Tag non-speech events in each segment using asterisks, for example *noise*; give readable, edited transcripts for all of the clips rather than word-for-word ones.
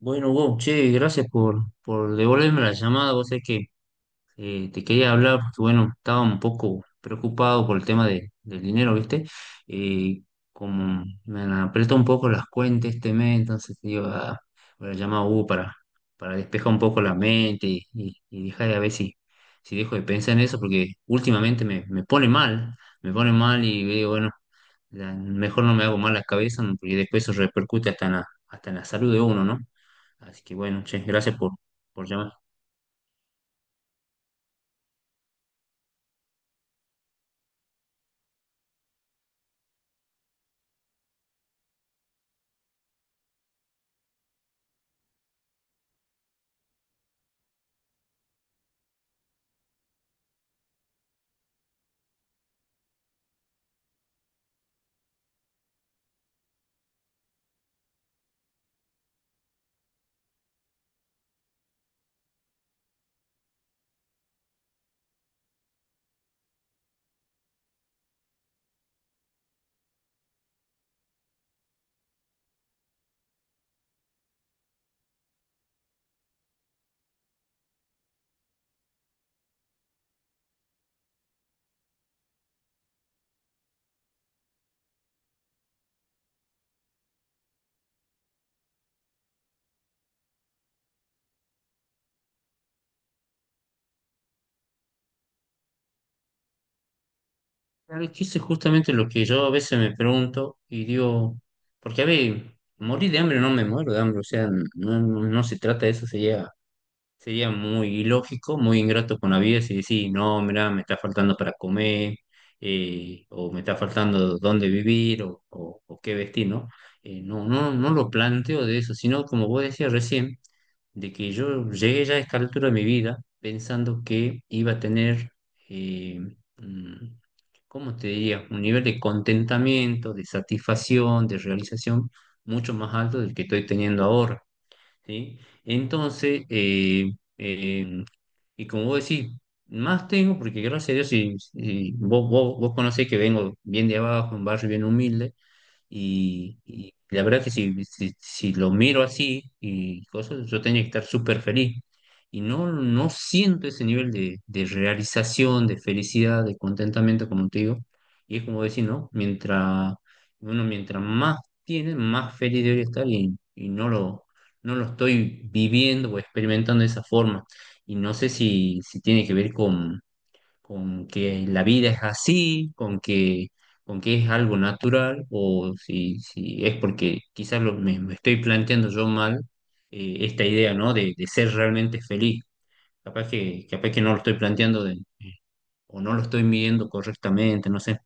Bueno, Hugo, che, gracias por devolverme la llamada. Vos sabés que te quería hablar porque, bueno, estaba un poco preocupado por el tema del dinero, ¿viste? Eh, Como me han apretado un poco las cuentas este mes, entonces digo, ah, voy a llamar a Hugo para despejar un poco la mente y dejar de a ver si, si dejo de pensar en eso, porque últimamente me pone mal y digo, bueno, mejor no me hago mal la cabeza, ¿no? Porque después eso repercute hasta en la salud de uno, ¿no? Así que bueno, che, gracias por llamar. Claro, que eso es justamente lo que yo a veces me pregunto y digo, porque a ver, morir de hambre no me muero de hambre, o sea, no se trata de eso, sería muy ilógico, muy ingrato con la vida si decís, no, mira, me está faltando para comer, o me está faltando dónde vivir, o qué vestir, ¿no? No, no lo planteo de eso, sino como vos decías recién, de que yo llegué ya a esta altura de mi vida pensando que iba a tener, eh, mm, ¿cómo te diría? Un nivel de contentamiento, de satisfacción, de realización mucho más alto del que estoy teniendo ahora, ¿sí? Entonces, eh, y como vos decís, más tengo, porque gracias a Dios, si, si vos, vos conocés que vengo bien de abajo, un barrio bien humilde, y la verdad que si, si lo miro así y cosas, yo tenía que estar súper feliz. Y no, no siento ese nivel de realización, de felicidad, de contentamiento, como te digo. Y es como decir, ¿no? Mientras uno, mientras más tiene, más feliz debería estar y no lo, no lo estoy viviendo o experimentando de esa forma. Y no sé si, si tiene que ver con que la vida es así, con que es algo natural, o si, si es porque quizás lo, me estoy planteando yo mal, esta idea, ¿no? De ser realmente feliz. Capaz que no lo estoy planteando o no lo estoy midiendo correctamente, no sé.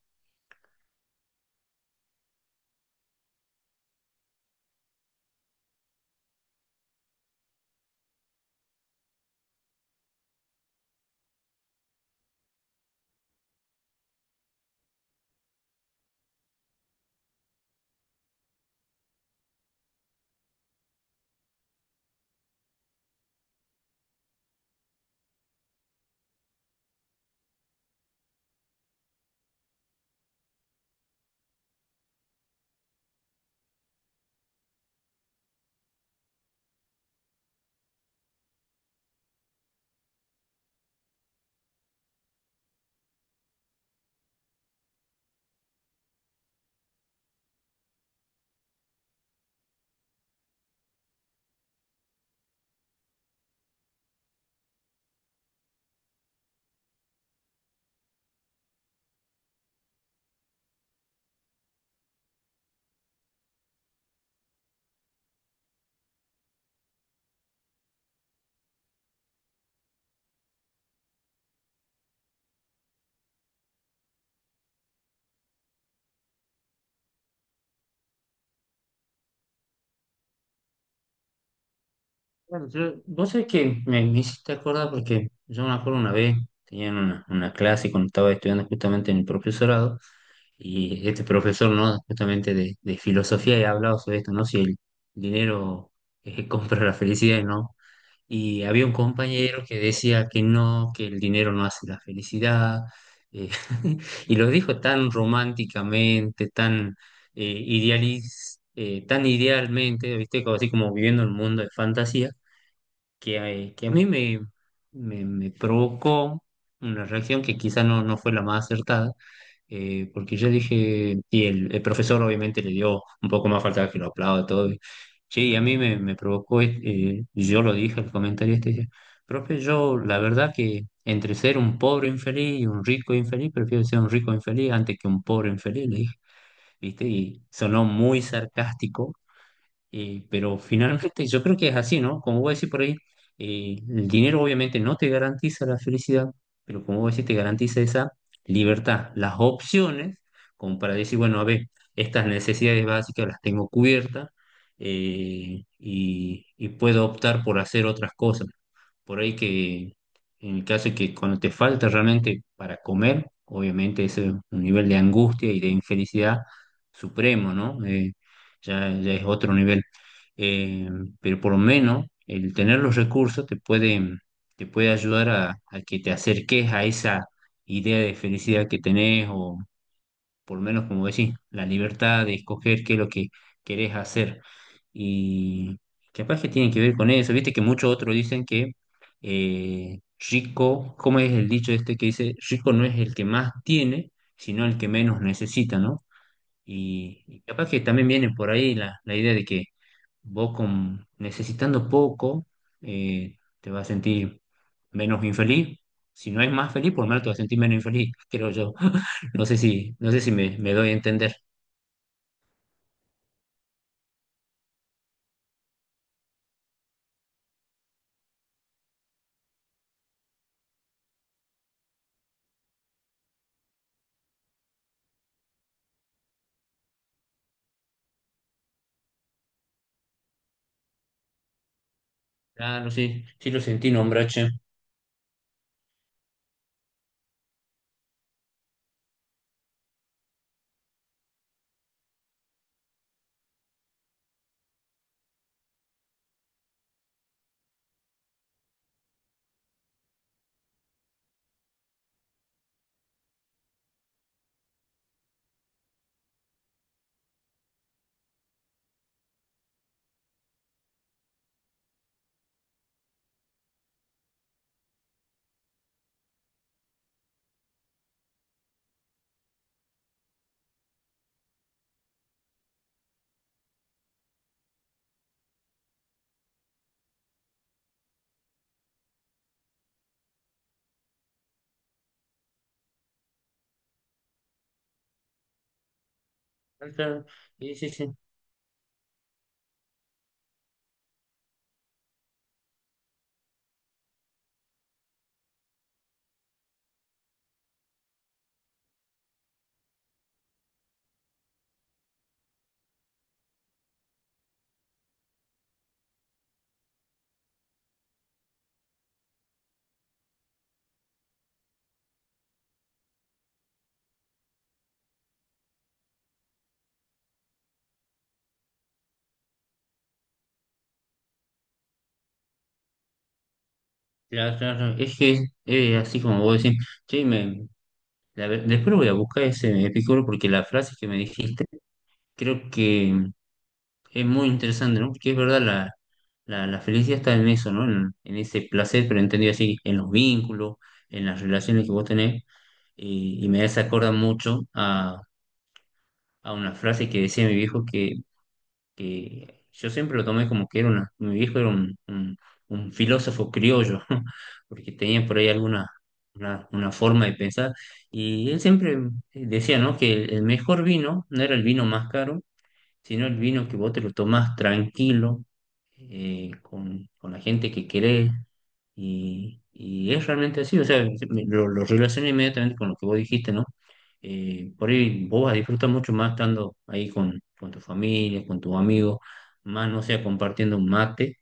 Claro, vos sabés que me hiciste acordar porque yo me acuerdo una vez, tenía una clase cuando estaba estudiando justamente en el profesorado. Y este profesor, ¿no? Justamente de filosofía he hablado sobre esto, ¿no? Si el dinero, *laughs* compra la felicidad, ¿no? Y había un compañero que decía que no, que el dinero no hace la felicidad, eh, *laughs* y lo dijo tan románticamente, tan, tan idealmente, ¿viste? Como, así como viviendo el mundo de fantasía, que a mí me, me provocó una reacción que quizá no, no fue la más acertada, porque yo dije, y el profesor obviamente le dio un poco más falta que lo aplaude todo. Y, che, y a mí me, me provocó, yo lo dije, el comentario este, dice, profe, yo la verdad que entre ser un pobre infeliz y un rico infeliz, prefiero ser un rico infeliz antes que un pobre infeliz, le dije, ¿viste? Y sonó muy sarcástico, pero finalmente yo creo que es así, ¿no? Como vos decís por ahí, el dinero obviamente no te garantiza la felicidad, pero como vos decís, te garantiza esa libertad, las opciones, como para decir, bueno, a ver, estas necesidades básicas las tengo cubiertas, y puedo optar por hacer otras cosas. Por ahí que en el caso de que cuando te falta realmente para comer, obviamente ese es un nivel de angustia y de infelicidad supremo, ¿no? Ya, ya es otro nivel. Eh, pero por lo menos el tener los recursos te puede ayudar a que te acerques a esa idea de felicidad que tenés o, por lo menos como decís, la libertad de escoger qué es lo que querés hacer. Y capaz que tiene que ver con eso. Viste que muchos otros dicen que, eh, rico, ¿cómo es el dicho este que dice? Rico no es el que más tiene, sino el que menos necesita, ¿no? Y capaz que también viene por ahí la, la idea de que vos con, necesitando poco, te vas a sentir menos infeliz. Si no es más feliz, por lo menos te vas a sentir menos infeliz, *laughs* creo yo. *laughs* No sé si, no sé si me, me doy a entender. Claro, sí, sí lo sentí, nombrar, che. Claro, sí, sí, sí. Claro, claro. Es que así como vos decís, che, me, después lo voy a buscar ese Epicuro porque la frase que me dijiste, creo que es muy interesante, ¿no? Porque es verdad, la felicidad está en eso, ¿no? En ese placer, pero entendido así, en los vínculos, en las relaciones que vos tenés. Y me hace acordar mucho a una frase que decía mi viejo que yo siempre lo tomé como que era una, mi viejo era un filósofo criollo, *laughs* porque tenía por ahí alguna una forma de pensar. Y él siempre decía, ¿no? Que el mejor vino no era el vino más caro, sino el vino que vos te lo tomás tranquilo, con la gente que querés, y es realmente así, o sea, lo relaciono inmediatamente con lo que vos dijiste, ¿no? Por ahí vos vas a disfrutar mucho más estando ahí con tu familia, con tus amigos, más no sea compartiendo un mate,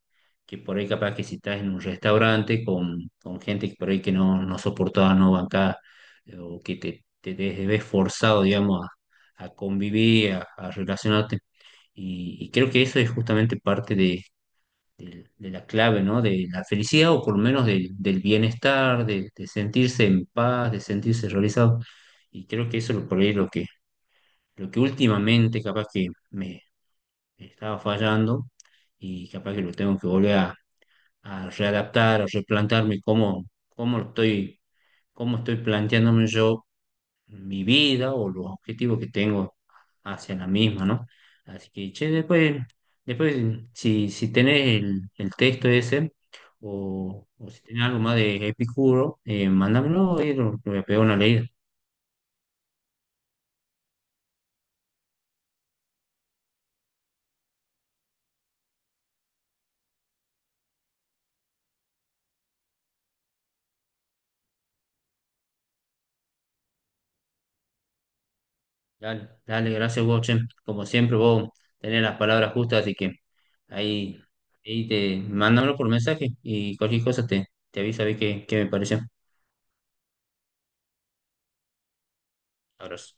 que por ahí capaz que si estás en un restaurante con gente que por ahí que no, no soportaba, no bancaba, o que te ves ves forzado, digamos, a convivir, a relacionarte. Y creo que eso es justamente parte de, de la clave, ¿no? De la felicidad o por lo menos del del bienestar, de sentirse en paz, de sentirse realizado. Y creo que eso es por ahí lo que últimamente capaz que me estaba fallando y capaz que lo tengo que volver a readaptar, a replantarme cómo, cómo estoy, cómo estoy planteándome yo mi vida o los objetivos que tengo hacia la misma, ¿no? Así que, che, después, después si, si tenés el texto ese o si tenés algo más de Epicuro, mándamelo y lo voy a pegar una leída. Dale, dale, gracias vos, che. Como siempre, vos tenés las palabras justas, así que ahí, ahí te mándamelo por mensaje y cualquier cosa te, te aviso a ver qué, qué me pareció. Abrazo.